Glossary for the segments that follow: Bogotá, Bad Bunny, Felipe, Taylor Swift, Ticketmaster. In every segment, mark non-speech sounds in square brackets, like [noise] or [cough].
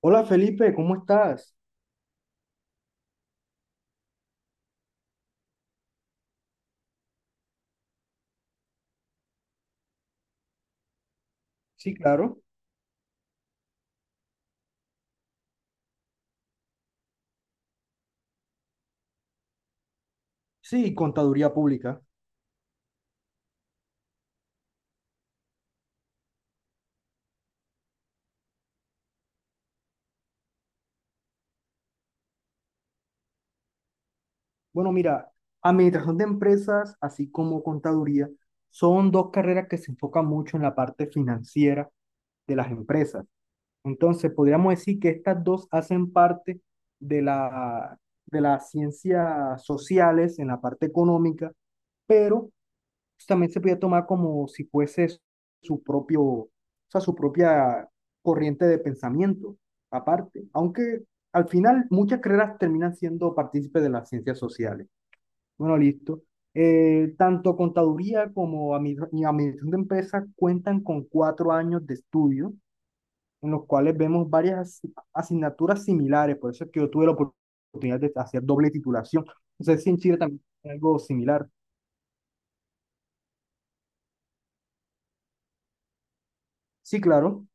Hola Felipe, ¿cómo estás? Sí, claro. Sí, contaduría pública. Bueno, mira, administración de empresas, así como contaduría, son dos carreras que se enfocan mucho en la parte financiera de las empresas. Entonces, podríamos decir que estas dos hacen parte de la, de las ciencias sociales en la parte económica, pero entonces, también se podía tomar como si fuese o sea, su propia corriente de pensamiento, aparte. Aunque al final muchas carreras terminan siendo partícipes de las ciencias sociales. Bueno, listo. Tanto contaduría como administración de empresas cuentan con 4 años de estudio, en los cuales vemos varias asignaturas similares. Por eso es que yo tuve la oportunidad de hacer doble titulación. No sé si en Chile también hay algo similar. Sí, claro.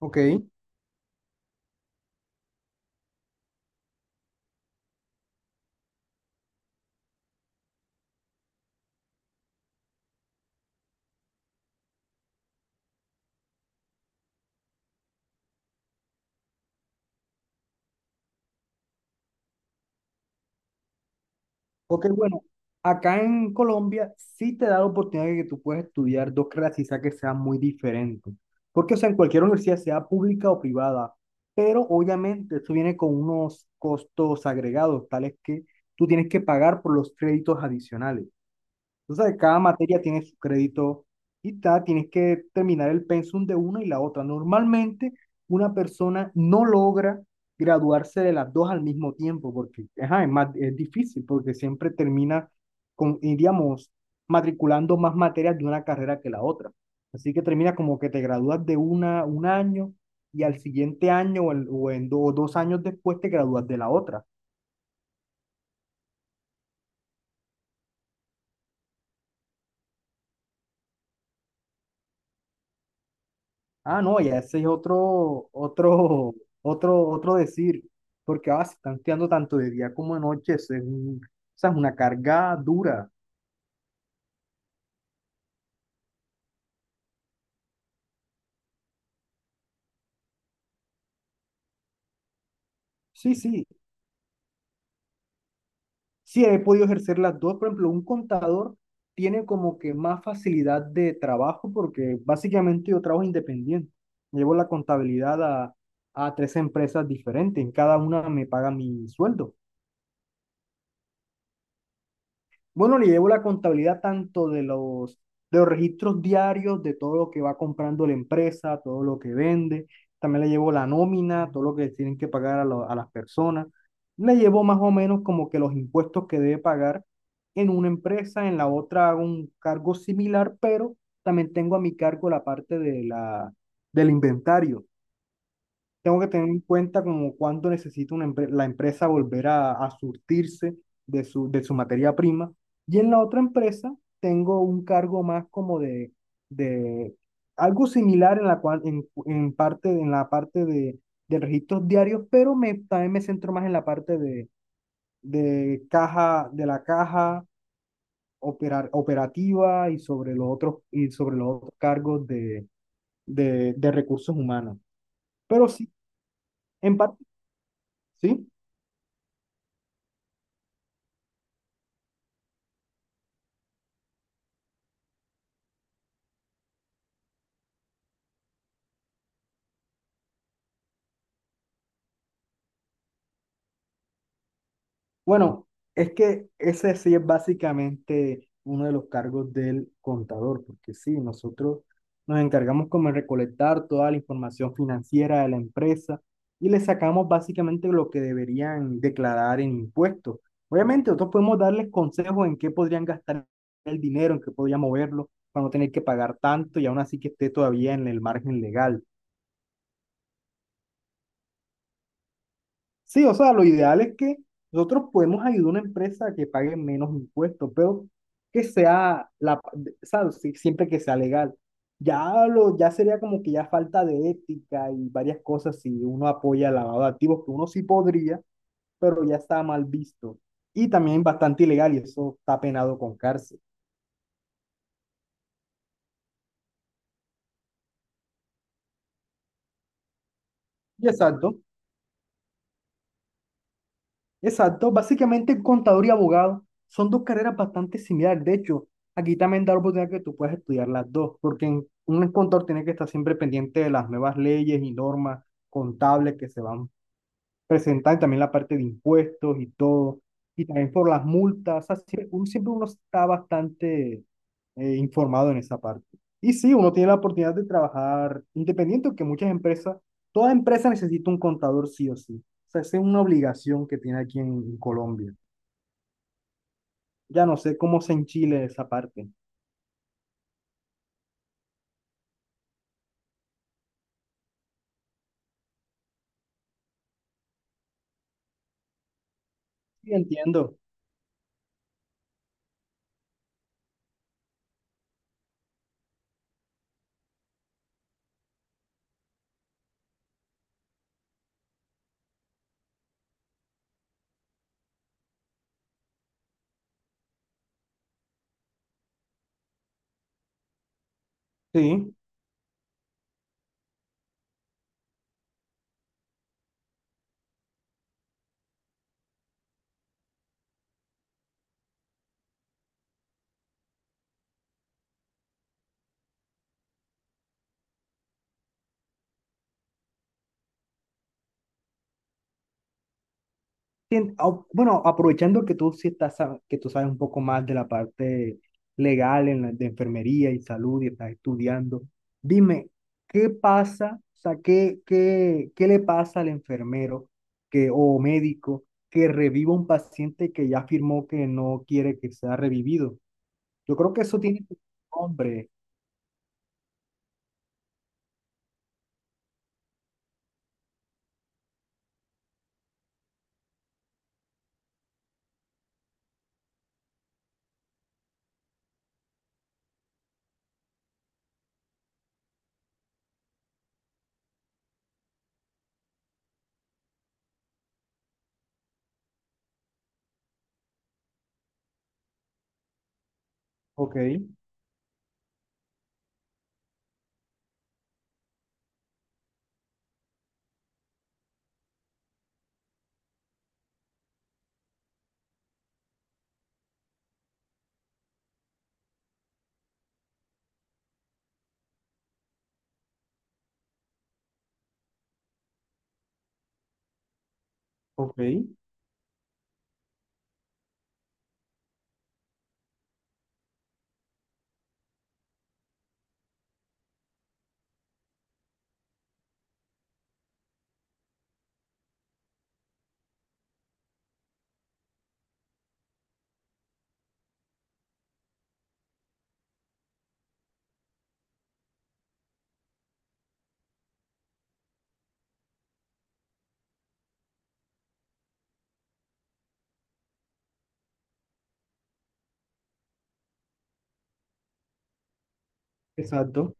Ok. Ok, bueno, acá en Colombia sí te da la oportunidad de que tú puedas estudiar dos carreras quizá que sean muy diferentes. Porque, o sea, en cualquier universidad, sea pública o privada, pero obviamente eso viene con unos costos agregados, tales que tú tienes que pagar por los créditos adicionales. Entonces, cada materia tiene su crédito y tienes que terminar el pensum de una y la otra. Normalmente, una persona no logra graduarse de las dos al mismo tiempo porque ajá, es más, es difícil, porque siempre termina y digamos, matriculando más materias de una carrera que la otra. Así que termina como que te gradúas de una un año y al siguiente año o en 2 años después te gradúas de la otra. Ah, no, ya ese es otro, [laughs] otro decir, porque ah, se están estudiando tanto de día como de noche, eso es o sea, es una carga dura. Sí, sí, sí, he podido ejercer las dos. Por ejemplo, un contador tiene como que más facilidad de trabajo porque básicamente yo trabajo independiente. Llevo la contabilidad a tres empresas diferentes, en cada una me paga mi sueldo. Bueno, le llevo la contabilidad tanto de los registros diarios, de todo lo que va comprando la empresa, todo lo que vende. También le llevo la nómina, todo lo que tienen que pagar a las personas. Le llevo más o menos como que los impuestos que debe pagar en una empresa, en la otra hago un cargo similar, pero también tengo a mi cargo la parte del inventario. Tengo que tener en cuenta como cuánto necesita una la empresa volver a surtirse de su materia prima. Y en la otra empresa tengo un cargo más como de algo similar en la cual, en parte, en la parte de registros diarios, pero también me centro más en la parte de caja, de la caja operativa y y sobre los otros cargos de recursos humanos. Pero sí, en parte, sí. Bueno, es que ese sí es básicamente uno de los cargos del contador, porque sí, nosotros nos encargamos como de recolectar toda la información financiera de la empresa y le sacamos básicamente lo que deberían declarar en impuestos. Obviamente, nosotros podemos darles consejos en qué podrían gastar el dinero, en qué podrían moverlo para no tener que pagar tanto y aún así que esté todavía en el margen legal. Sí, o sea, lo ideal es que nosotros podemos ayudar a una empresa a que pague menos impuestos, pero que sea la, ¿sabes? Sí, siempre que sea legal. Ya lo, ya sería como que ya falta de ética y varias cosas si uno apoya el lavado de activos, que uno sí podría, pero ya está mal visto. Y también bastante ilegal y eso está penado con cárcel. Y exacto, Exacto, básicamente contador y abogado son dos carreras bastante similares. De hecho, aquí también da la oportunidad que tú puedas estudiar las dos, porque un contador tiene que estar siempre pendiente de las nuevas leyes y normas contables que se van presentando, y también la parte de impuestos y todo, y también por las multas. O sea, siempre uno está bastante informado en esa parte. Y sí, uno tiene la oportunidad de trabajar independiente, que muchas empresas, toda empresa necesita un contador sí o sí. O sea, esa es una obligación que tiene aquí en Colombia. Ya no sé cómo es en Chile esa parte. Sí, entiendo. Sí. Bueno, aprovechando que tú sí estás, sab- que tú sabes un poco más de la parte legal en la, de enfermería y salud y estás estudiando, dime, ¿qué pasa? O sea, ¿qué le pasa al enfermero que, o médico que reviva un paciente que ya afirmó que no quiere que sea revivido? Yo creo que eso tiene un nombre. Ok, ok, exacto.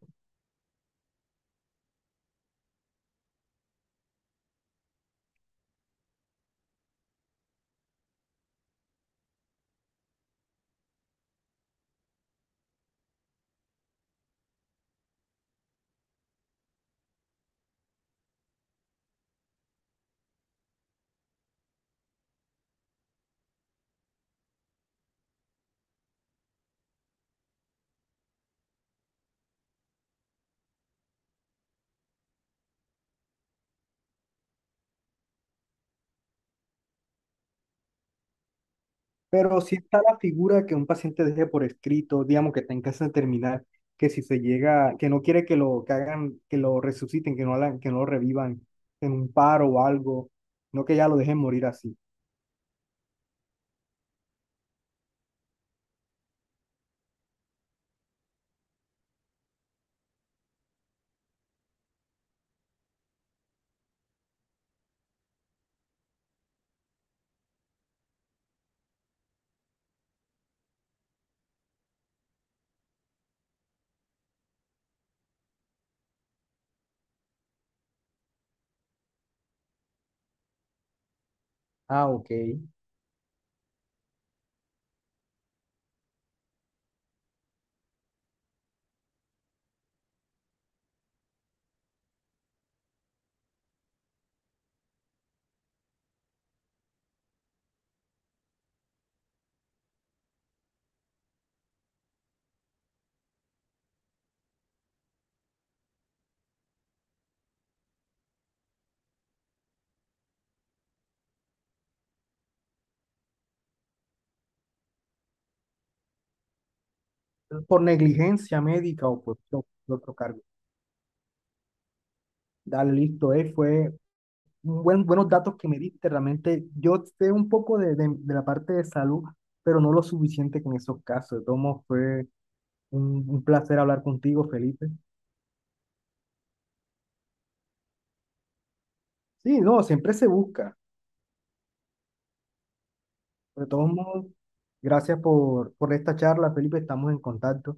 Pero si está la figura que un paciente deje por escrito, digamos que está en casa terminal, que si se llega, que no quiere que lo que hagan, que lo resuciten, que no hagan, que no lo revivan en un paro o algo, no que ya lo dejen morir así. Ah, ok. Por negligencia médica o por por otro cargo. Dale, listo, fue buenos datos que me diste, realmente. Yo sé un poco de la parte de salud, pero no lo suficiente que en esos casos. De todos modos, fue un placer hablar contigo, Felipe. Sí, no, siempre se busca. De todos modos, gracias por esta charla, Felipe, estamos en contacto.